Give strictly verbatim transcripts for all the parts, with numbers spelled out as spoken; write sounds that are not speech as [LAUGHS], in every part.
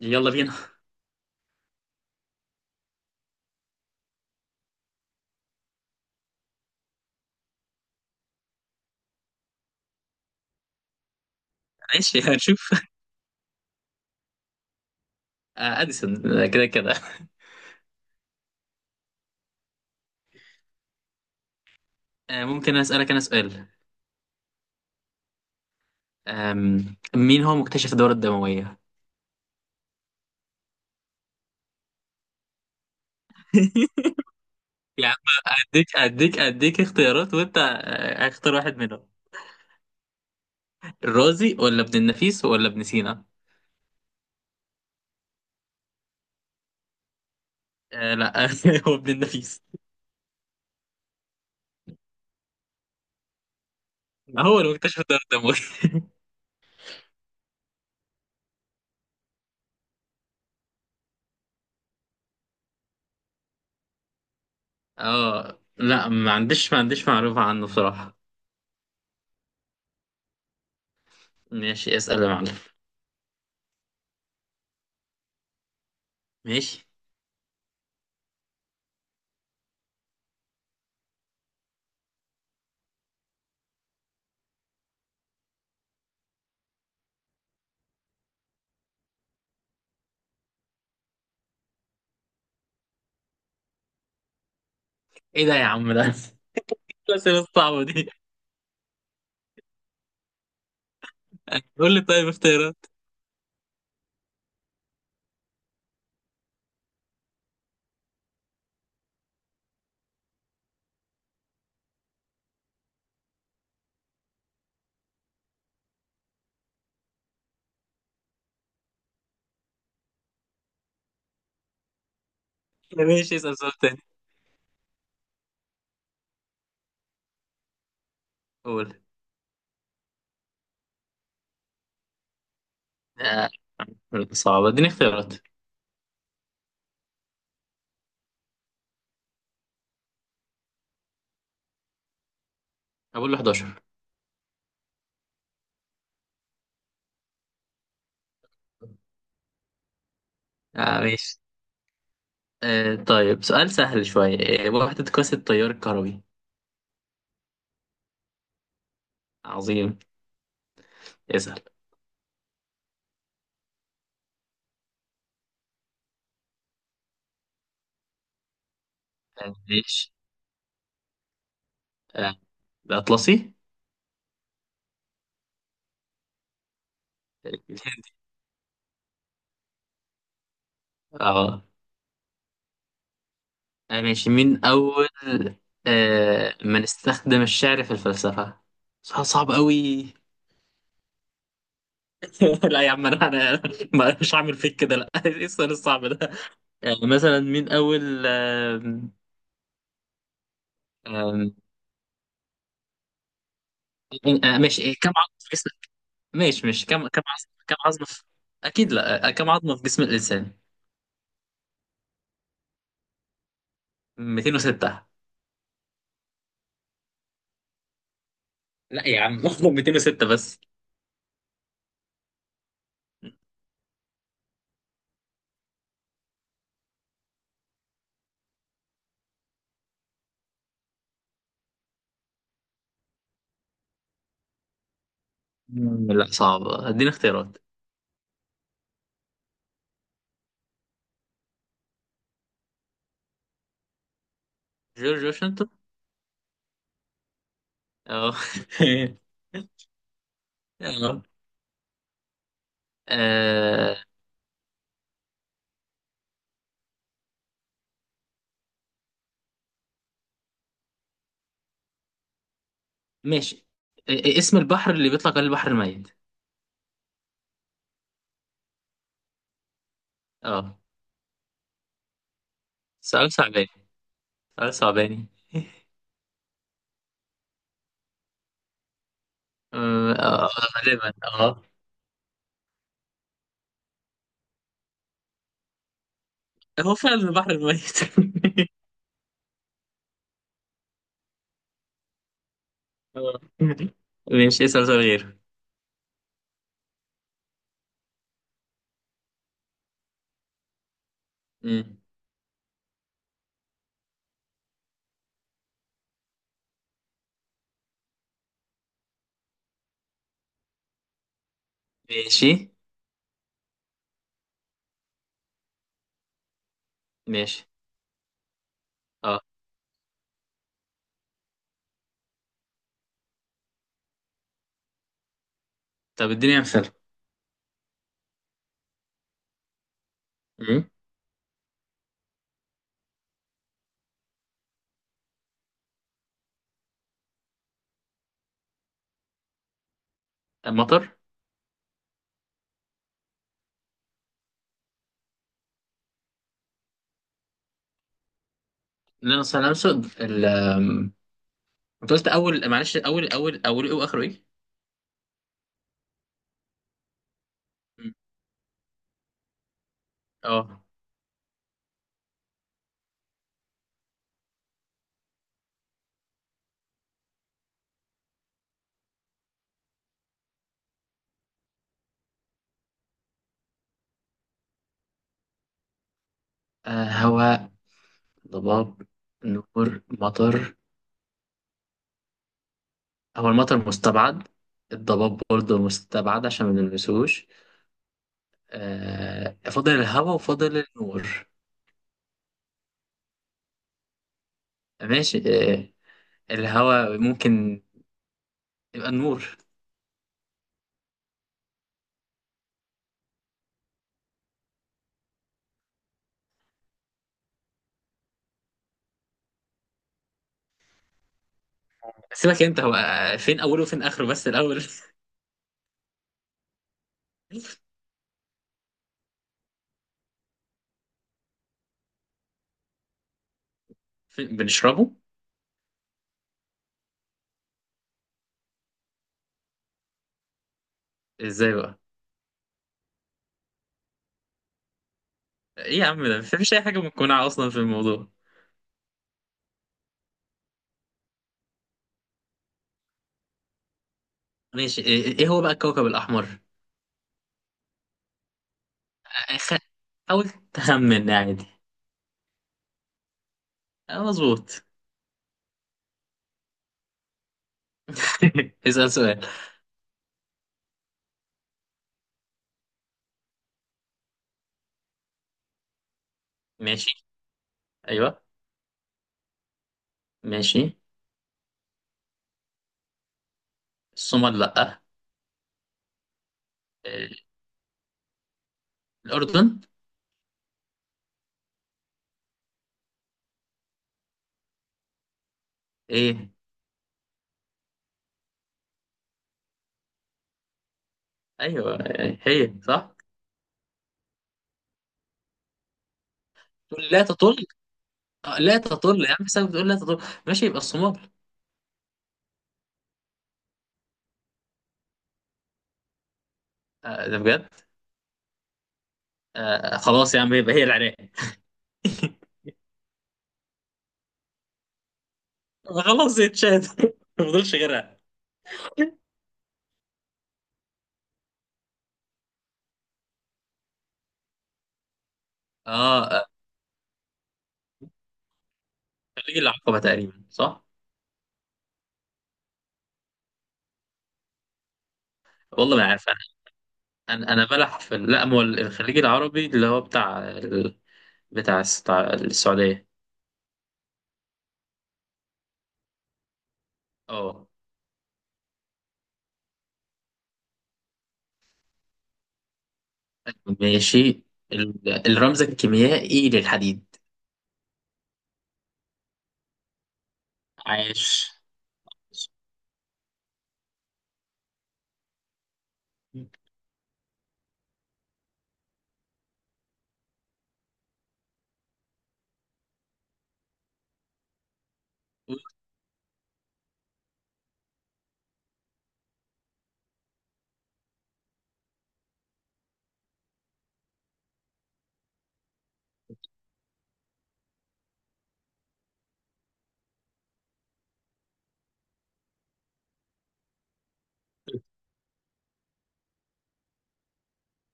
يلا بينا. [LAUGHS] ماشي هنشوف. آه، أديسون. آه، كده كده آه، ممكن أسألك أنا سؤال. آم، مين هو مكتشف الدورة الدموية؟ [LAUGHS] يا عم، أديك أديك أديك اختيارات وأنت آه، اختار واحد منهم. الرازي ولا ابن النفيس ولا ابن سينا؟ آه لا، [LAUGHS] هو ابن النفيس. هو اللي مكتشف الدورة الدموية. [LAUGHS] اه لا، ما عنديش ما عنديش معلومة عنه بصراحة. ماشي، اسأل يا معلم. ماشي، ايه ده يا عم ده؟ [LAUGHS] الأسئلة الصعبة دي. [LAUGHS] قول لي طيب اختيارات. ماشي، اسأل سؤال تاني. قول. آه، صعبة، اديني اختيارات. أقول له إحداشر. آه ماشي. آه، طيب سؤال سهل شوية. آه، وحدة قياس التيار الكهربي. عظيم، اسأل. آه ماشي. آه، الأطلسي. اه. آه، ماشي، مين أول آه من استخدم الشعر في الفلسفة؟ سؤال صعب أوي. [LAUGHS] لا يا عم، أنا أنا ما- مش هعمل فيك كده، لا. [LAUGHS] إيه السؤال الصعب ده؟ آه، مثلا مين أول آه آه ماشي. إيه، كم عقد؟ ماشي ماشي كم كم عظمة كم عظمة في... أكيد لا. آه، كم عظمة في جسم الإنسان؟ مئتين وستة. لا يا عم. [LAUGHS] مئتين وستة بس. مم، لا صعب، اديني اختيارات. جورج واشنطن. اه. [LAUGHS] آه. آه، ماشي. إ- إ- اسم البحر اللي بيطلق عليه البحر الميت. اه. سؤال صعباني سؤال صعباني. [LAUGHS] آه، آه، غالبا اه. هو فعلا البحر الميت. [LAUGHS] آه. ماشي، اسأل سؤال غير. مم. ماشي ماشي. اه، طب اديني امثله. مم. المطر. لا نستطيع ان نرصد ال آم، انت قلت اول، معلش، اول اول اول ايه واخره ايه؟ مم. اه. آه، هواء، ضباب، نور، مطر. هو المطر مستبعد، الضباب برضه مستبعد عشان ما نلمسوش. آه، فاضل الهواء وفاضل النور. ماشي آه، الهواء ممكن، يبقى النور. سيبك انت، هو آه، فين اوله وفين اخره بس الاول [LAUGHS] فين بنشربه؟ ازاي بقى؟ ايه يا عم ده، مفيش اي حاجه مقنعه اصلا في الموضوع. ماشي. ايه إيه هو بقى الكوكب الاحمر؟ أخ... حاول تخمن عادي. اه مظبوط. [LAUGHS] اسال سؤال. ماشي. ايوه. ماشي. الصومال، لا. إيه، الاردن. ايه. ايوه، إيه، هي صح. تقول لا تطل؟ آه، لا تطل يا عم سايب، بتقول لا تطل. ماشي، يبقى الصومال. آه، ده بجد. آه، خلاص يا عم، يبقى هي العراق. [LAUGHS] خلاص، يا تشاد. [LAUGHS] ما فضلش غيرها. اه. آه، خليج العقبه تقريبا صح. والله ما عارف انا. انا أنا بلح في ال- لا، ما هو الخليج العربي، اللي هو بتاع ال... بتاع الس- بتاع السعوديه. اه ماشي. ال... الرمز الكيميائي للحديد. عاش.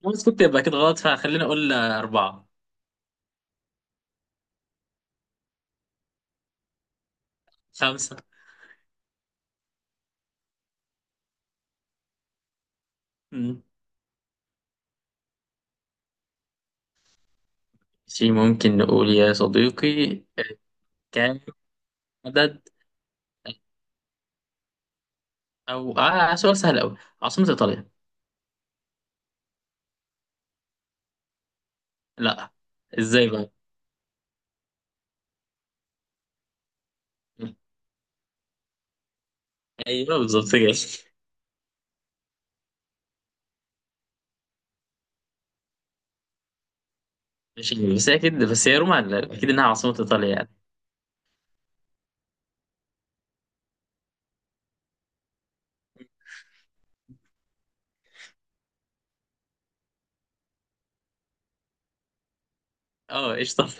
بس كنت يبقى كده غلط، فخلينا اقول اربعه. خمسه. مم. ماشي، ممكن نقول يا صديقي. كام عدد، او آه، سؤال سهل قوي. عاصمه ايطاليا. لا، ازاي بقى؟ ايوه، بالظبط كده. مش عارف، بس هي اكيد بس هي روما اكيد انها عاصمة ايطاليا يعني. اه قشطة.